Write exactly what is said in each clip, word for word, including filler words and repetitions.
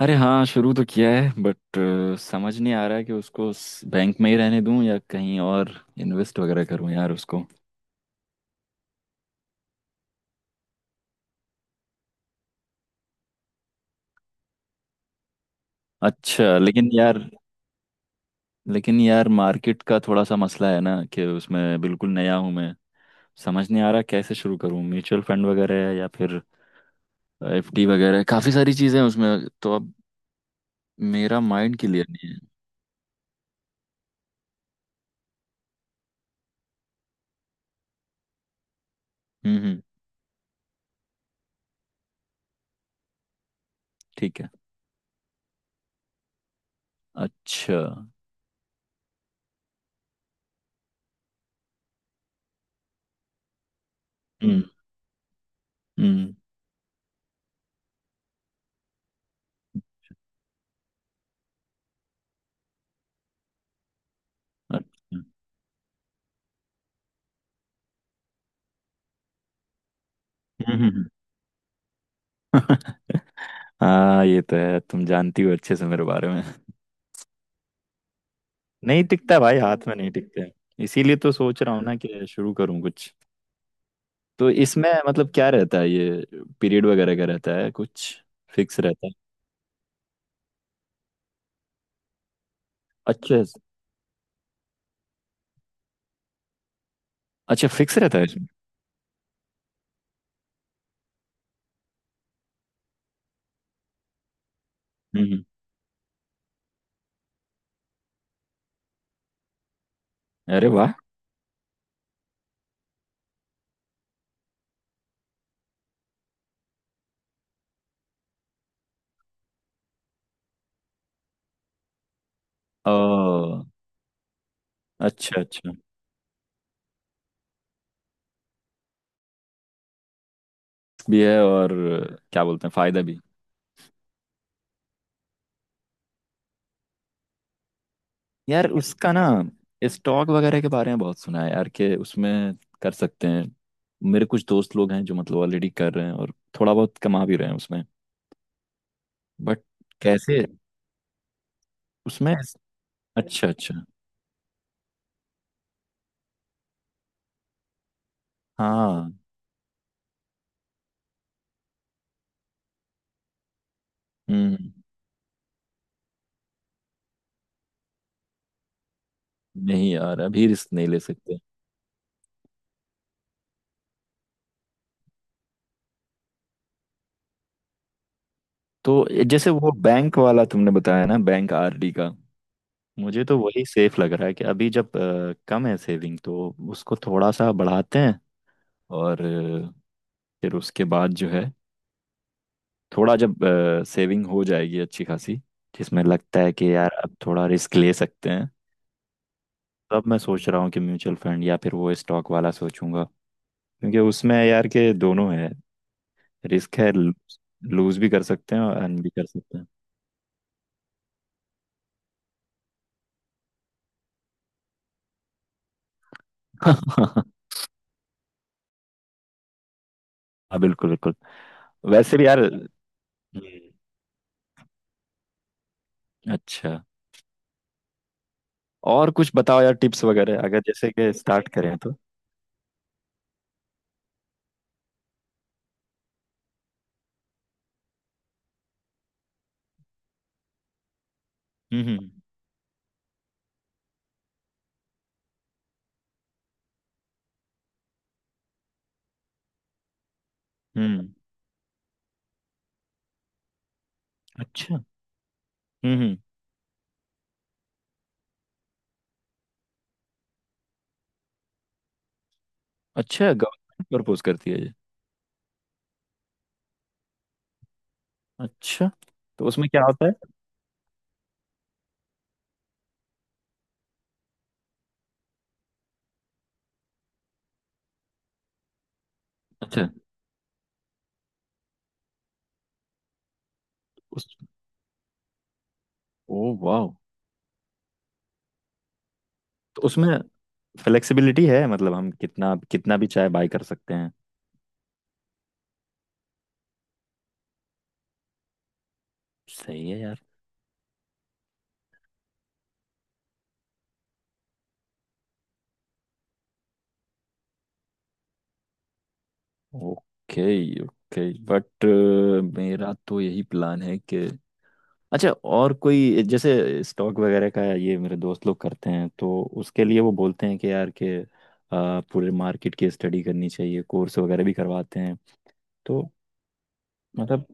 अरे हाँ, शुरू तो किया है बट समझ नहीं आ रहा है कि उसको बैंक में ही रहने दूं या कहीं और इन्वेस्ट वगैरह करूं यार उसको। अच्छा लेकिन यार, लेकिन यार मार्केट का थोड़ा सा मसला है ना कि उसमें बिल्कुल नया हूं मैं। समझ नहीं आ रहा कैसे शुरू करूं, म्यूचुअल फंड वगैरह है या फिर एफडी वगैरह है, काफी सारी चीजें हैं उसमें तो अब मेरा माइंड क्लियर नहीं है। हम्म। हम्म। ठीक है। अच्छा। हम्म। हम्म। अच्छा। हम्म हम्म, हम्म। हाँ ये तो है, तुम जानती हो अच्छे से मेरे बारे में। नहीं टिकता भाई, हाथ में नहीं टिकते। इसीलिए तो सोच रहा हूँ ना कि शुरू करूँ कुछ। तो इसमें मतलब क्या रहता है, ये पीरियड वगैरह का रहता है कुछ फिक्स रहता है? अच्छा। अच्छा, फिक्स रहता है इसमें। हम्म हम्म। अरे वाह। ओ। अच्छा अच्छा, भी है और क्या बोलते हैं फायदा भी। यार उसका ना, स्टॉक वगैरह के बारे में बहुत सुना है यार कि उसमें कर सकते हैं। मेरे कुछ दोस्त लोग हैं जो मतलब ऑलरेडी कर रहे हैं और थोड़ा बहुत कमा भी रहे हैं उसमें। बट कैसे, उसमें। अच्छा अच्छा। हाँ। हम्म। नहीं यार, अभी रिस्क नहीं ले सकते। तो जैसे वो बैंक वाला तुमने बताया ना, बैंक आरडी का, मुझे तो वही सेफ लग रहा है कि अभी जब अ, कम है सेविंग, तो उसको थोड़ा सा बढ़ाते हैं। और अ, फिर उसके बाद जो है, थोड़ा जब सेविंग हो जाएगी अच्छी खासी, जिसमें लगता है कि यार अब थोड़ा रिस्क ले सकते हैं, तब मैं सोच रहा हूँ कि म्यूचुअल फंड या फिर वो स्टॉक वाला सोचूंगा। क्योंकि उसमें यार के दोनों है। रिस्क है, लूज भी कर सकते हैं और अर्न भी कर सकते हैं। हाँ बिल्कुल बिल्कुल। वैसे भी यार। हम्म, अच्छा। और कुछ बताओ यार टिप्स वगैरह, अगर जैसे कि स्टार्ट करें तो। हम्म। हम्म हम्म, अच्छा। हम्म हम्म, अच्छा, गवर्नमेंट प्रपोज करती है ये? अच्छा, तो उसमें क्या होता है? अच्छा। उस ओ वाह। तो उसमें फ्लेक्सिबिलिटी है, मतलब हम कितना कितना भी चाहे बाय कर सकते हैं? सही है यार। ओके ओके, बट मेरा तो यही प्लान है कि अच्छा। और कोई जैसे स्टॉक वगैरह का ये मेरे दोस्त लोग करते हैं, तो उसके लिए वो बोलते हैं कि यार के आ, पूरे मार्केट की स्टडी करनी चाहिए, कोर्स वगैरह भी करवाते हैं। तो मतलब,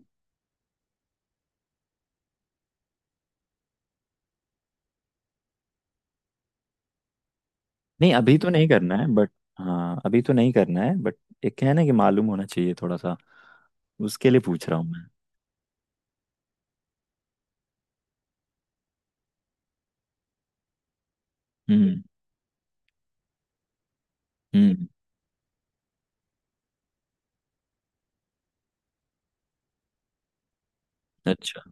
नहीं अभी तो नहीं करना है बट, हाँ अभी तो नहीं करना है बट एक है ना कि मालूम होना चाहिए थोड़ा सा। उसके लिए पूछ रहा हूँ मैं। हम्म। हम्म। अच्छा।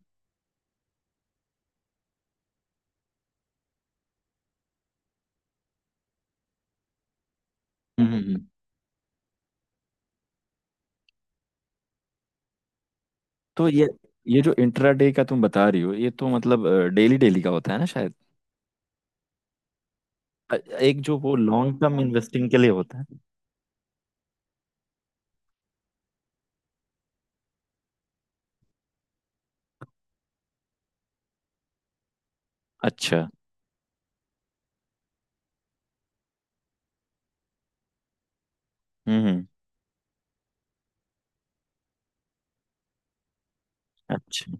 हम्म हम्म, हम्म। तो ये ये जो इंट्राडे का तुम बता रही हो, ये तो मतलब डेली डेली का होता है ना शायद? अ- एक जो वो लॉन्ग टर्म इन्वेस्टिंग के लिए होता है। अच्छा। हम्म। अच्छा।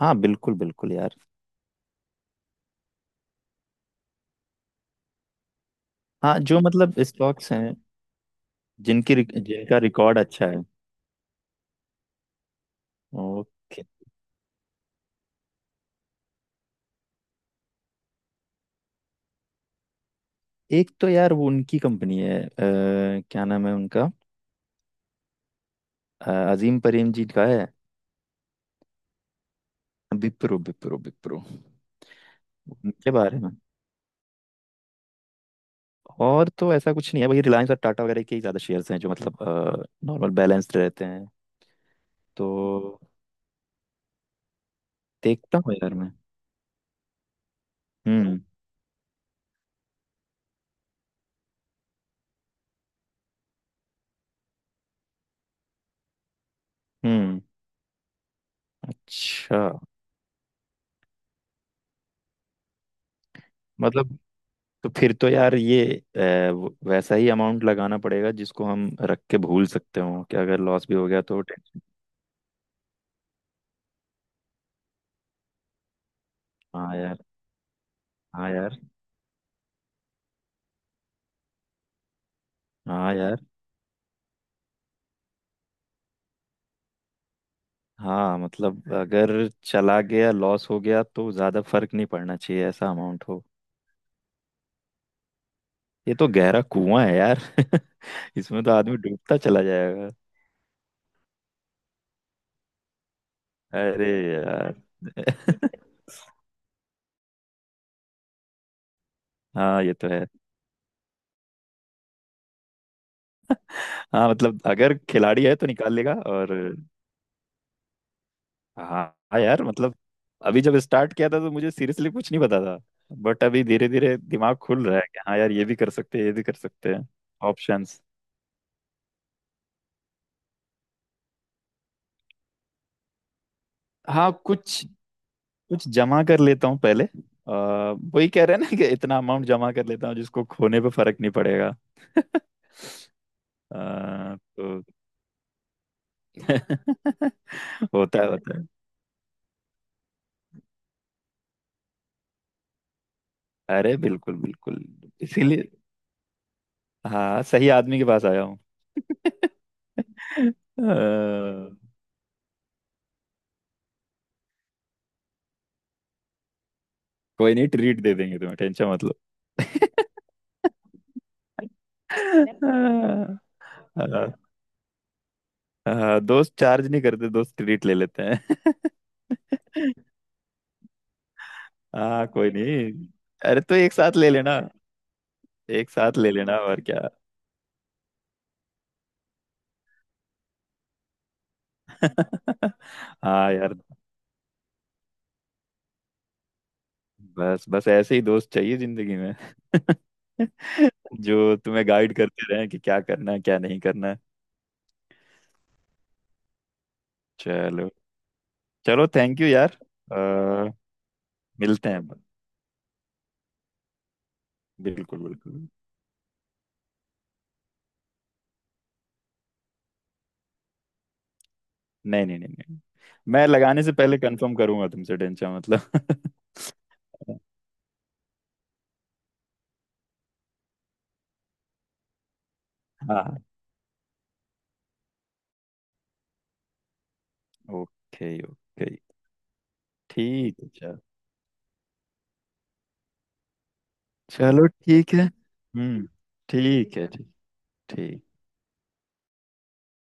हाँ बिल्कुल बिल्कुल यार। हाँ जो मतलब स्टॉक्स हैं जिनकी रिक- जिनका रिकॉर्ड अच्छा है। ओके। एक तो यार वो उनकी कंपनी है अ, क्या नाम है उनका, अ, अजीम प्रेम जी का है। विप्रो विप्रो विप्रो। उनके बारे में। और तो ऐसा कुछ नहीं है, वही रिलायंस और टाटा वगैरह के ही ज्यादा शेयर्स हैं जो मतलब नॉर्मल बैलेंस्ड रहते हैं। तो देखता हूँ यार मैं। हम्म। हम्म। अच्छा। मतलब, तो फिर तो यार ये अ, व- वैसा ही अमाउंट लगाना पड़ेगा जिसको हम रख के भूल सकते हो कि अगर लॉस भी हो गया तो टेंशन। हाँ यार। हाँ यार। हाँ यार। हाँ मतलब अगर चला गया, लॉस हो गया तो ज्यादा फर्क नहीं पड़ना चाहिए, ऐसा अमाउंट हो। ये तो गहरा कुआं है यार, इसमें तो आदमी डूबता चला जाएगा। अरे यार। हाँ ये तो है। हाँ मतलब अगर खिलाड़ी है तो निकाल लेगा और। हाँ। हाँ यार मतलब अभी जब स्टार्ट किया था तो मुझे सीरियसली कुछ नहीं पता था। बट अभी धीरे धीरे दिमाग खुल रहा है कि हाँ यार, ये भी कर सकते हैं ये भी कर सकते हैं। ऑप्शंस। हाँ कुछ, कुछ जमा कर लेता हूँ पहले। अ, वही कह रहे हैं ना कि इतना अमाउंट जमा कर लेता हूँ जिसको खोने पे फर्क नहीं पड़ेगा। अ, तो होता है होता है। अरे बिल्कुल बिल्कुल। इसीलिए हाँ, सही आदमी के पास आया हूँ। अ, कोई नहीं, ट्रीट दे देंगे तुम्हें, टेंशन मत लो। हाँ। हाँ, दोस्त चार्ज नहीं करते, दोस्त ट्रीट ले लेते हैं। हाँ कोई नहीं, अरे तो एक साथ ले लेना। एक साथ ले लेना और क्या। हाँ यार। बस बस, ऐसे ही दोस्त चाहिए जिंदगी में, जो तुम्हें गाइड करते रहें कि क्या करना है क्या नहीं करना है। चलो, चलो थैंक यू यार। अ, मिलते हैं। बिल्कुल बिल्कुल। नहीं नहीं नहीं नहीं, मैं लगाने से पहले कंफर्म करूंगा तुमसे, टेंशन मतलब। हाँ। Okay okay. ठीक है चल। चलो ठीक है, हम्म। ठीक है। ठीक। ठीक।